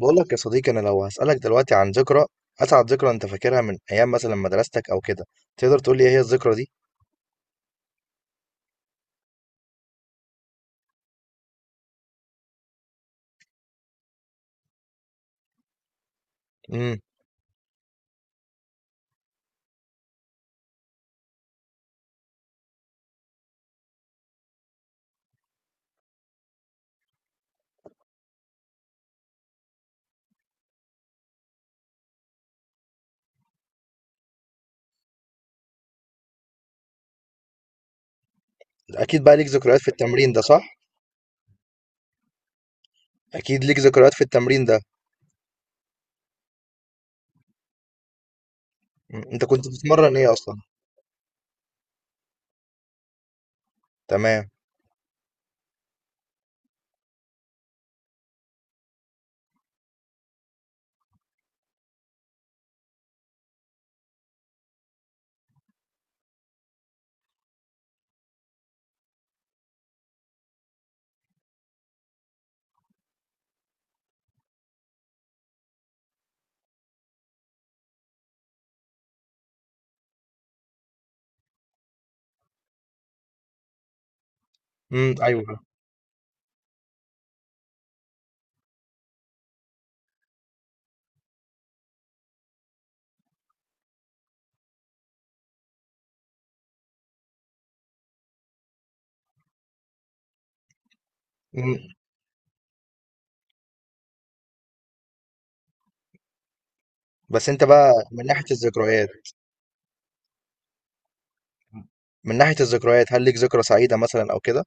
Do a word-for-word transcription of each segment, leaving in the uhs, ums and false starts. بقول لك يا صديقي، انا لو هسألك دلوقتي عن ذكرى، اسعد ذكرى انت فاكرها من ايام مثلا مدرستك او كده، تقدر تقول لي ايه هي الذكرى دي؟ امم. اكيد بقى ليك ذكريات في التمرين ده، صح؟ اكيد ليك ذكريات في التمرين ده. مم. انت كنت بتتمرن ايه اصلا؟ تمام. امم، ايوه. مم. بس انت بقى من ناحية الذكريات من ناحية الذكريات هل ليك ذكرى سعيدة مثلا او كده؟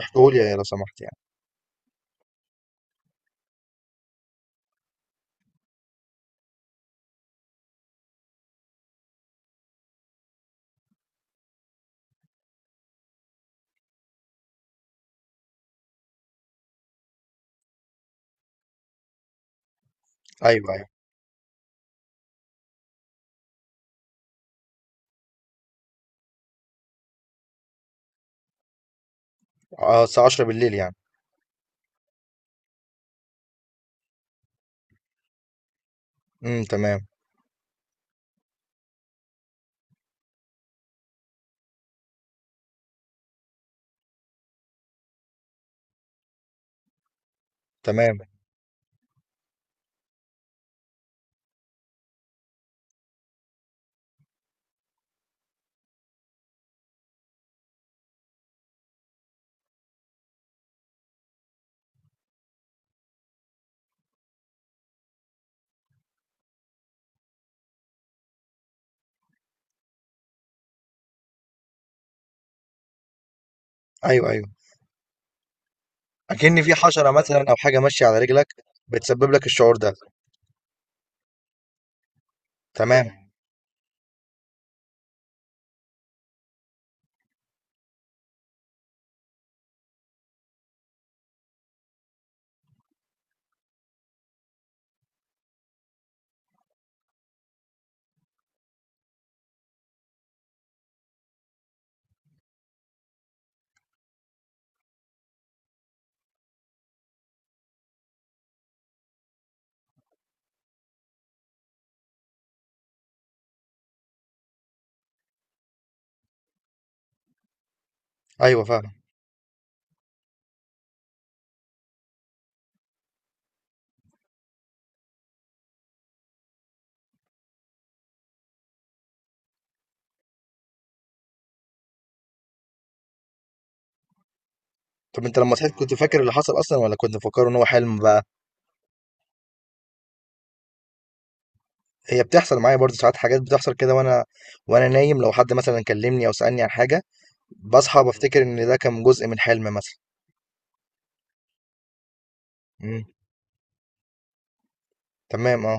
احكوا لي لو سمحت يعني. ايوه، ايوه. اه، الساعة عشرة بالليل يعني. امم، تمام. تمام. ايوه، ايوه. اكن في حشره مثلا او حاجه ماشيه على رجلك بتسبب لك الشعور ده. تمام. ايوه، فاهم. طب انت لما صحيت كنت فاكر اللي حصل اصلا، ولا كنت مفكره ان هو حلم بقى؟ هي بتحصل معايا برضه ساعات، حاجات بتحصل كده وانا وانا نايم، لو حد مثلا كلمني او سالني عن حاجه بصحى بفتكر ان ده كان جزء من حلم مثلا. امم، تمام، اه.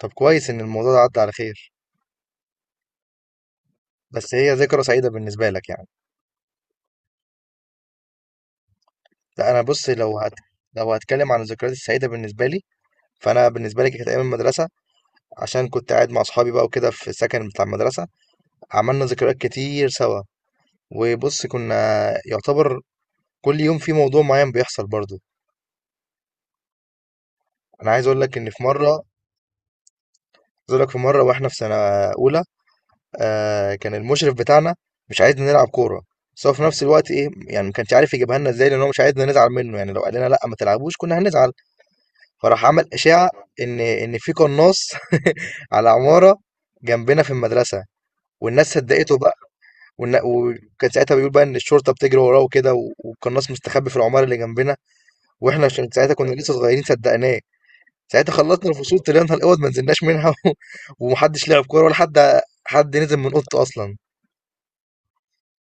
طب كويس ان الموضوع ده عدى على خير. بس هي ذكرى سعيده بالنسبه لك يعني؟ لا انا بص، لو هت... لو هتكلم عن الذكريات السعيده بالنسبه لي، فانا بالنسبه لي كانت ايام المدرسه، عشان كنت قاعد مع اصحابي بقى وكده في السكن بتاع المدرسه، عملنا ذكريات كتير سوا. وبص كنا يعتبر كل يوم في موضوع معين بيحصل برضو. انا عايز اقول لك ان في مره عايز اقول لك في مره واحنا في سنه اولى، آه، كان المشرف بتاعنا مش عايزنا نلعب كوره، بس هو في نفس الوقت ايه يعني ما كانش عارف يجيبها لنا ازاي، لان هو مش عايزنا نزعل منه، يعني لو قال لنا لا ما تلعبوش كنا هنزعل. فراح عمل اشاعه ان ان في قناص على عماره جنبنا في المدرسه، والناس صدقته بقى. والنا- وكان ساعتها بيقول بقى ان الشرطه بتجري وراه وكده، والقناص مستخبي في العماره اللي جنبنا. واحنا عشان ساعتها كنا لسه صغيرين صدقناه. ساعتها خلصنا الفصول طلعنا الاوض ما نزلناش منها و... ومحدش لعب كوره، ولا حد حد نزل من اوضته اصلا.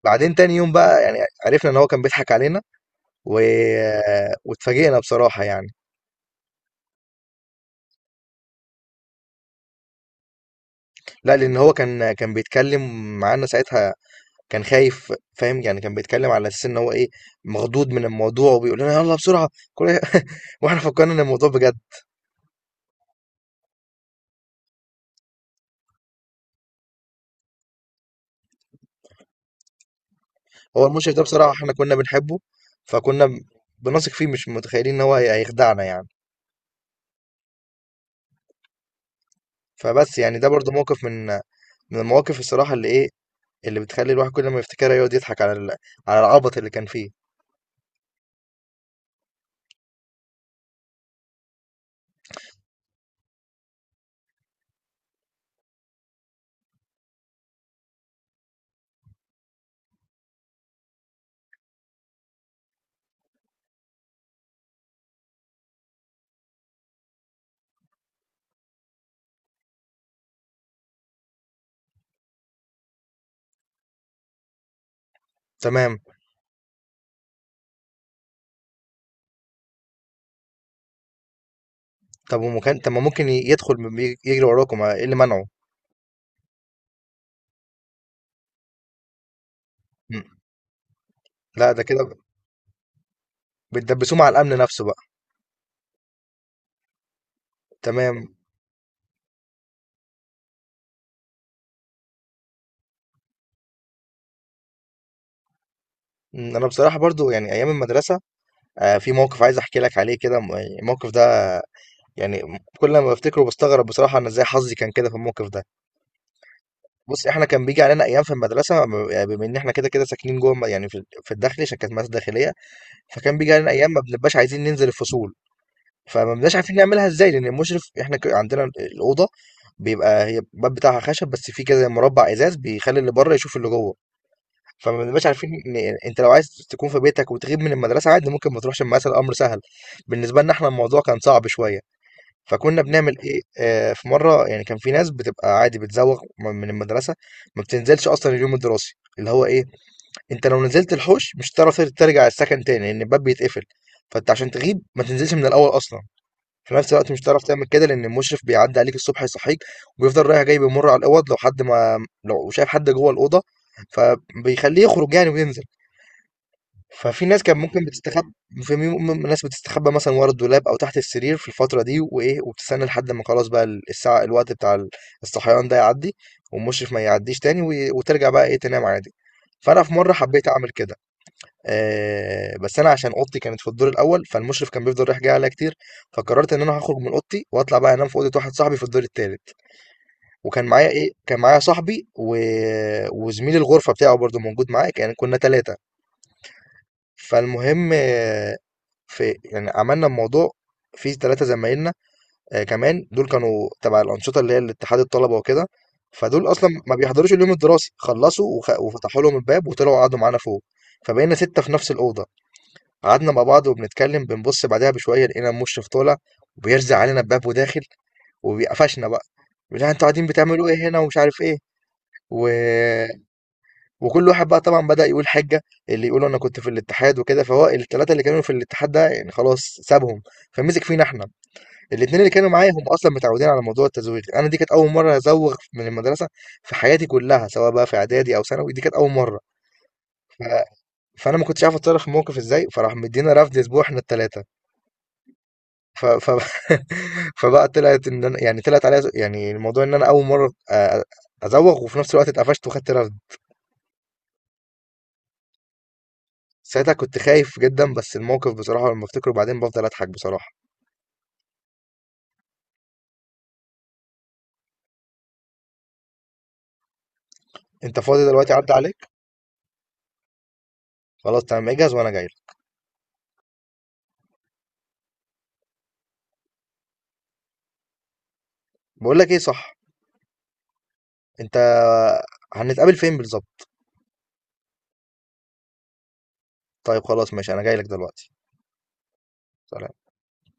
بعدين تاني يوم بقى يعني عرفنا ان هو كان بيضحك علينا و... واتفاجئنا بصراحه يعني. لا لان هو كان كان بيتكلم معانا ساعتها، كان خايف، فاهم يعني، كان بيتكلم على اساس ان هو ايه، مخضوض من الموضوع، وبيقول لنا يلا بسرعه كل... واحنا فكرنا ان الموضوع بجد. هو المشرف ده بصراحه احنا كنا بنحبه، فكنا بنثق فيه، مش متخيلين ان هو هيخدعنا يعني. فبس يعني ده برضو موقف من من المواقف الصراحة اللي ايه، اللي بتخلي الواحد كل ما يفتكرها يقعد يضحك على ال- على العبط اللي كان فيه. تمام. طب ومكان، طب ما ممكن ي- يدخل ب- بي- يجري وراكم، ايه اللي منعه؟ مم. لا ده كده بتدبسوه مع الامن نفسه بقى. تمام. مم. انا بصراحة برضو يعني ايام المدرسة، آه، في موقف عايز احكي لك عليه كده، م- يعني الموقف ده، آه، يعني كل ما بفتكره بستغرب بصراحة انا ازاي حظي كان كده في الموقف ده. بص احنا كان بيجي علينا ايام في المدرسة، ب- بما ان احنا كده كده ساكنين جوه الم- يعني في في الداخلي، عشان كانت مدرسة داخلية. فكان بيجي علينا ايام ما بنبقاش عايزين ننزل الفصول، فما بنبقاش عارفين نعملها ازاي، لان المشرف احنا ك- عندنا الاوضه بيبقى هي الباب بتاعها خشب، بس في كده مربع ازاز بيخلي اللي بره يشوف اللي جوه. فما بنبقاش عارفين إن، انت لو عايز تكون في بيتك وتغيب من المدرسه عادي ممكن ما تروحش المدرسه، الامر سهل. بالنسبه لنا احنا الموضوع كان صعب شويه. فكنا بنعمل ايه، آه، في مره يعني كان في ناس بتبقى عادي بتزوغ من المدرسه، ما بتنزلش اصلا اليوم الدراسي، اللي هو ايه، انت لو نزلت الحوش مش هتعرف ترجع السكن تاني لان الباب بيتقفل. فانت عشان تغيب ما تنزلش من الاول اصلا. في نفس الوقت مش هتعرف تعمل كده لان المشرف بيعدي عليك الصبح يصحيك، وبيفضل رايح جاي بيمر على الاوض، لو حد ما لو شايف حد جوه الاوضه فبيخليه يخرج يعني وينزل. ففي ناس كان ممكن بتستخبى، في م- م- ناس بتستخبى مثلا ورا الدولاب او تحت السرير في الفتره دي وايه، وبتستنى لحد ما خلاص بقى الساعه، الوقت بتاع الصحيان ده يعدي والمشرف ما يعديش تاني، وي- وترجع بقى ايه تنام عادي. فانا في مره حبيت اعمل كده، آه، بس انا عشان اوضتي كانت في الدور الاول فالمشرف كان بيفضل رايح جاي عليا كتير، فقررت ان انا هخرج من اوضتي واطلع بقى انام في اوضه واحد صاحبي في الدور التالت. وكان معايا ايه كان معايا صاحبي و... وزميل الغرفه بتاعه برضو موجود معايا، كان كنا ثلاثه. فالمهم، آه، في يعني عملنا الموضوع في ثلاثه زمايلنا، آه، كمان دول كانوا تبع الانشطه اللي هي الاتحاد الطلبه وكده، فدول اصلا ما بيحضروش اليوم الدراسي، خلصوا وخ... وفتحوا لهم الباب وطلعوا قعدوا معانا فوق. فبقينا سته في نفس الاوضه، قعدنا مع بعض وبنتكلم، بنبص بعدها بشويه لقينا مشرف طالع وبيرزع علينا باب وداخل، وبيقفشنا بقى. لا انتوا قاعدين بتعملوا ايه هنا ومش عارف ايه، و... وكل واحد بقى طبعا بدأ يقول حجة، اللي يقول انا كنت في الاتحاد وكده، فهو الثلاثة اللي كانوا في الاتحاد ده يعني خلاص سابهم، فمسك فينا احنا. الاثنين اللي كانوا معايا هم اصلا متعودين على موضوع التزويغ، انا دي كانت اول مرة ازوغ من المدرسة في حياتي كلها، سواء بقى في اعدادي او ثانوي، دي كانت اول مرة. ف... فانا ما كنتش عارف اتصرف في الموقف ازاي، فراح مدينا رفد اسبوع احنا الثلاثة. ف ف فبقى طلعت إن أنا، يعني طلعت عليا ز- يعني الموضوع إن أنا أول مرة آآ أزوّغ وفي نفس الوقت اتقفشت وخدت رفد. ساعتها كنت خايف جدًا، بس الموقف بصراحة لمّا بافتكره بعدين بافضل أضحك بصراحة. أنت فاضي دلوقتي؟ عدّى عليك؟ خلاص تمام، اجهز وأنا جاي لك. باقول لك إيه، صح، أنت هنتقابل فين بالضبط؟ طيب خلاص ماشي، أنا جاي لك دلوقتي. سلام.